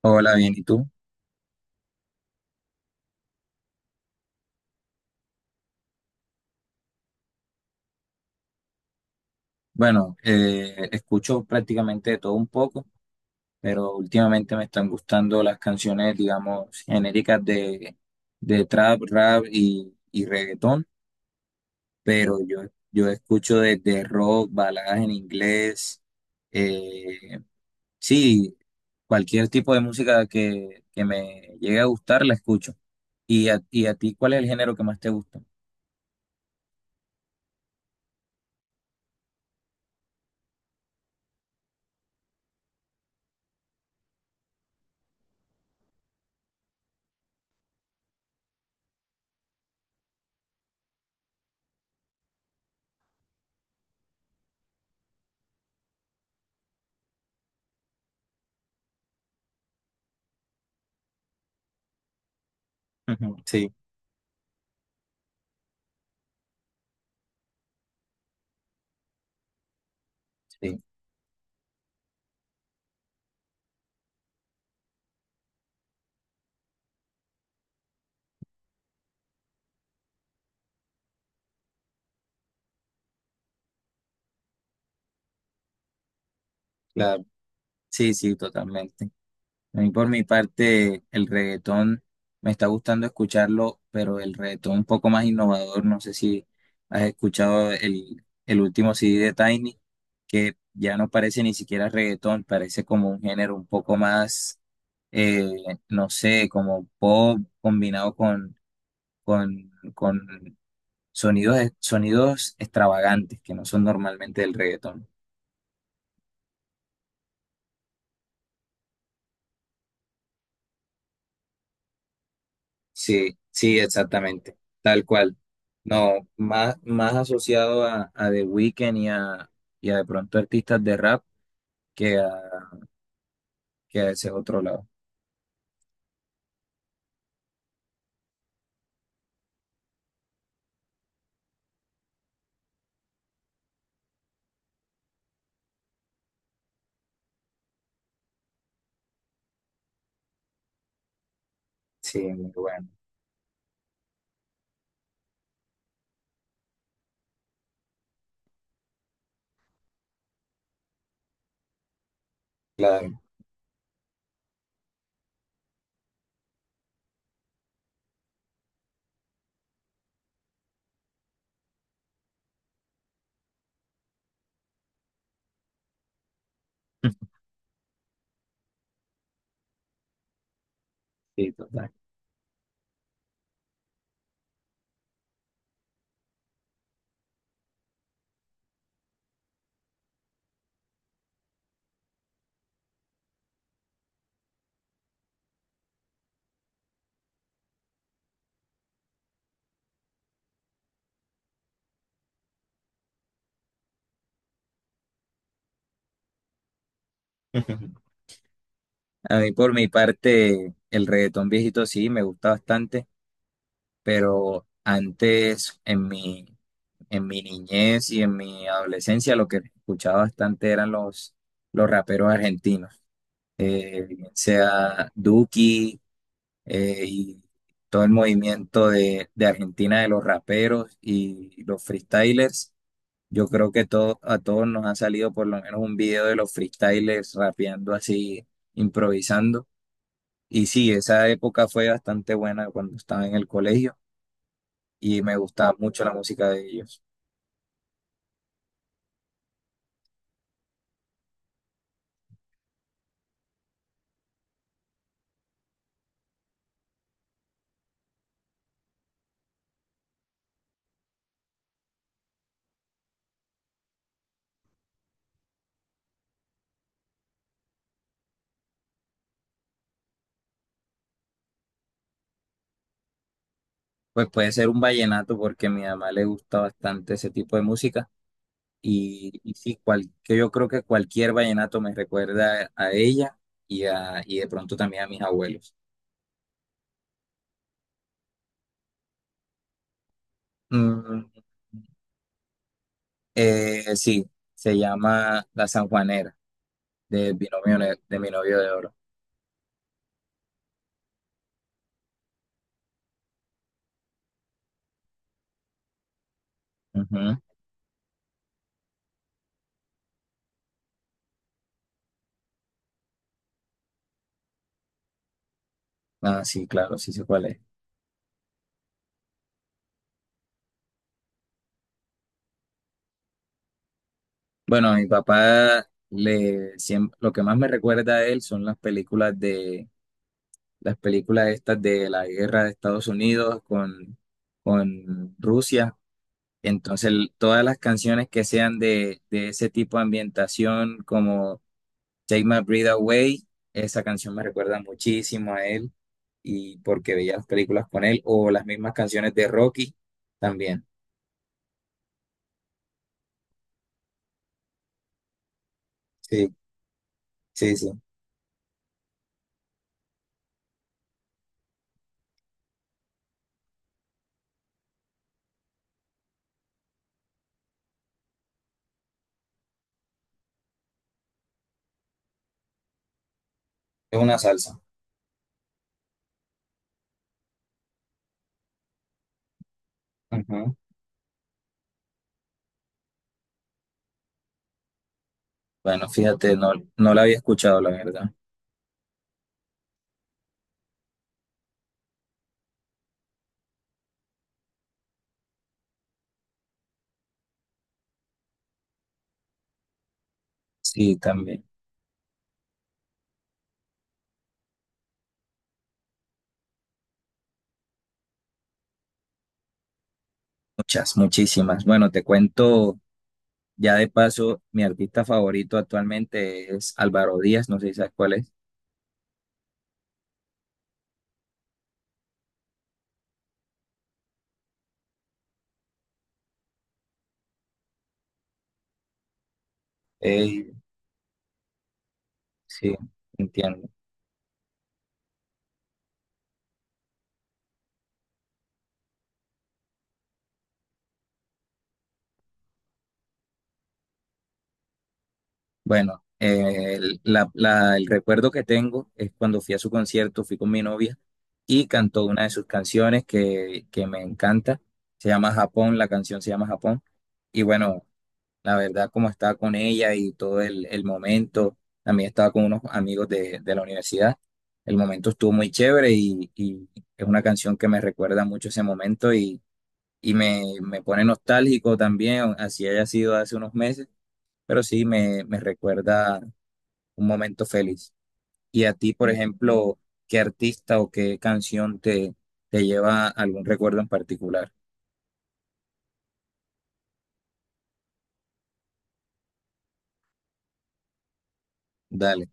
Hola, bien, ¿y tú? Bueno, escucho prácticamente de todo un poco, pero últimamente me están gustando las canciones, digamos, genéricas de trap, rap y reggaetón, pero yo escucho desde rock, baladas en inglés, eh, sí, cualquier tipo de música que me llegue a gustar, la escucho. ¿Y a ti cuál es el género que más te gusta? Ujú. Sí, sí, claro, sí, sí, totalmente. A mí por mi parte, el reggaetón me está gustando escucharlo, pero el reggaetón un poco más innovador. No sé si has escuchado el último CD de Tiny, que ya no parece ni siquiera reggaetón, parece como un género un poco más, eh, no sé, como pop combinado con, con sonidos, sonidos extravagantes que no son normalmente del reggaetón. Sí, sí, exactamente, tal cual. No, más, más asociado a The Weeknd y a de pronto artistas de rap que a, que a ese otro lado. Sí, muy bueno, claro, sí, total. A mí por mi parte, el reggaetón viejito sí, me gusta bastante, pero antes en mi niñez y en mi adolescencia lo que escuchaba bastante eran los raperos argentinos, bien sea Duki, y todo el movimiento de Argentina de los raperos y los freestylers. Yo creo que todo, a todos nos ha salido por lo menos un video de los freestylers rapeando así, improvisando. Y sí, esa época fue bastante buena cuando estaba en el colegio y me gustaba mucho la música de ellos. Pues puede ser un vallenato porque a mi mamá le gusta bastante ese tipo de música. Y sí, que yo creo que cualquier vallenato me recuerda a ella y, a, y de pronto también a mis abuelos. Mm, sí, se llama La Sanjuanera, de binomio novio, de mi novio de oro. Ujú. Ah, sí, claro, sí sé cuál es. Bueno, a mi papá le, lo que más me recuerda a él son las películas de, las películas estas de la guerra de Estados Unidos con Rusia. Entonces, todas las canciones que sean de ese tipo de ambientación, como Take My Breath Away, esa canción me recuerda muchísimo a él y porque veía las películas con él, o las mismas canciones de Rocky también. Sí, sí, sí. Es una salsa. Ujú. Bueno, fíjate, no, no la había escuchado, la verdad. Sí, también. Muchas, muchísimas. Bueno, te cuento ya de paso, mi artista favorito actualmente es Álvaro Díaz, no sé si sabes cuál es. Ey, sí, entiendo. Bueno, el recuerdo que tengo es cuando fui a su concierto, fui con mi novia y cantó una de sus canciones que me encanta. Se llama Japón, la canción se llama Japón. Y bueno, la verdad, como estaba con ella y todo el momento, también estaba con unos amigos de la universidad. El momento estuvo muy chévere y es una canción que me recuerda mucho ese momento y me pone nostálgico también, así haya sido hace unos meses, pero sí me recuerda un momento feliz. Y a ti, por ejemplo, ¿qué artista o qué canción te lleva a algún recuerdo en particular? Dale.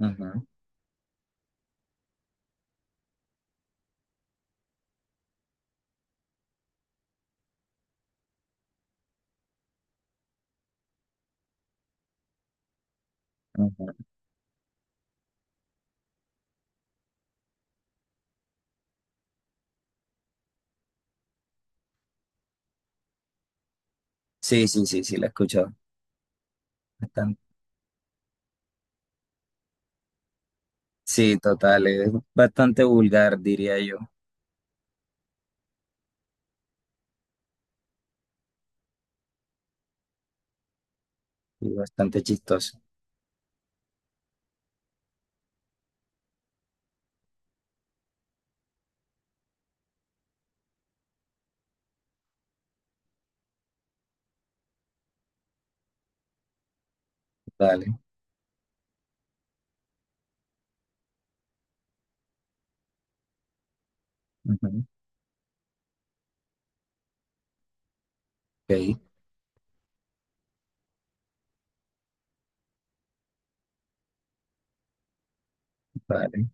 Ujú, ujú. Sí, sí, sí, sí, la he escuchado. Bastante. Sí, total, es bastante vulgar, diría yo, y bastante chistoso. Dale. Ujú. Ok, vale.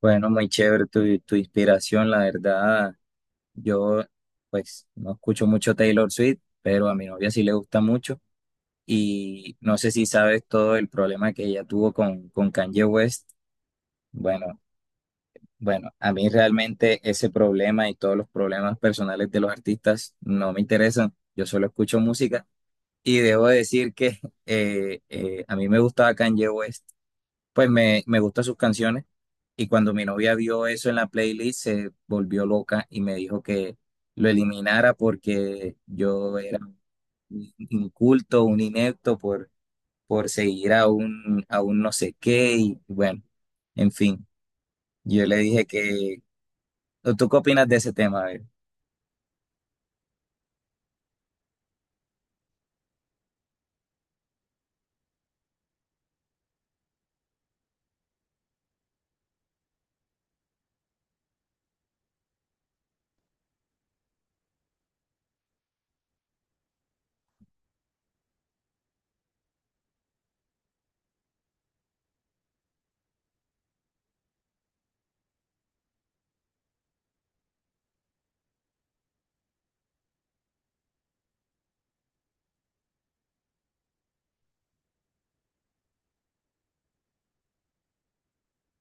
Bueno, muy chévere tu inspiración, la verdad. Yo, pues, no escucho mucho Taylor Swift, pero a mi novia sí le gusta mucho. Y no sé si sabes todo el problema que ella tuvo con Kanye West. Bueno, bueno, a mí realmente ese problema y todos los problemas personales de los artistas no me interesan. Yo solo escucho música y debo decir que a mí me gustaba Kanye West. Pues me gustan sus canciones y cuando mi novia vio eso en la playlist se volvió loca y me dijo que lo eliminara porque yo era un inculto, un inepto por seguir a un no sé qué y bueno, en fin, yo le dije que, ¿o tú qué opinas de ese tema? A ver.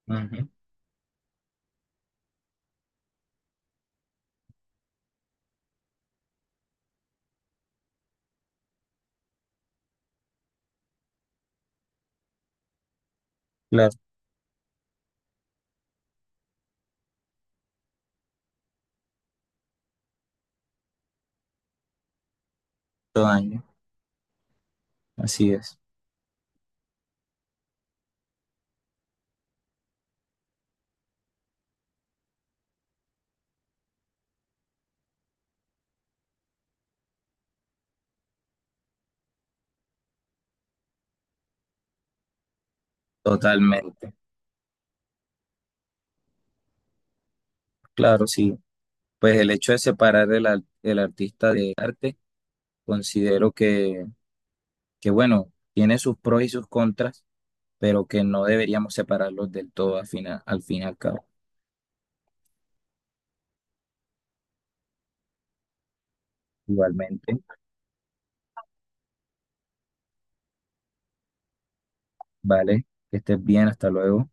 Ujú. Claro, todo daño, así es, totalmente. Claro, sí. Pues el hecho de separar el artista de arte, considero que, bueno, tiene sus pros y sus contras, pero que no deberíamos separarlos del todo al final, al fin y al cabo. Igualmente, vale, que estés bien, hasta luego.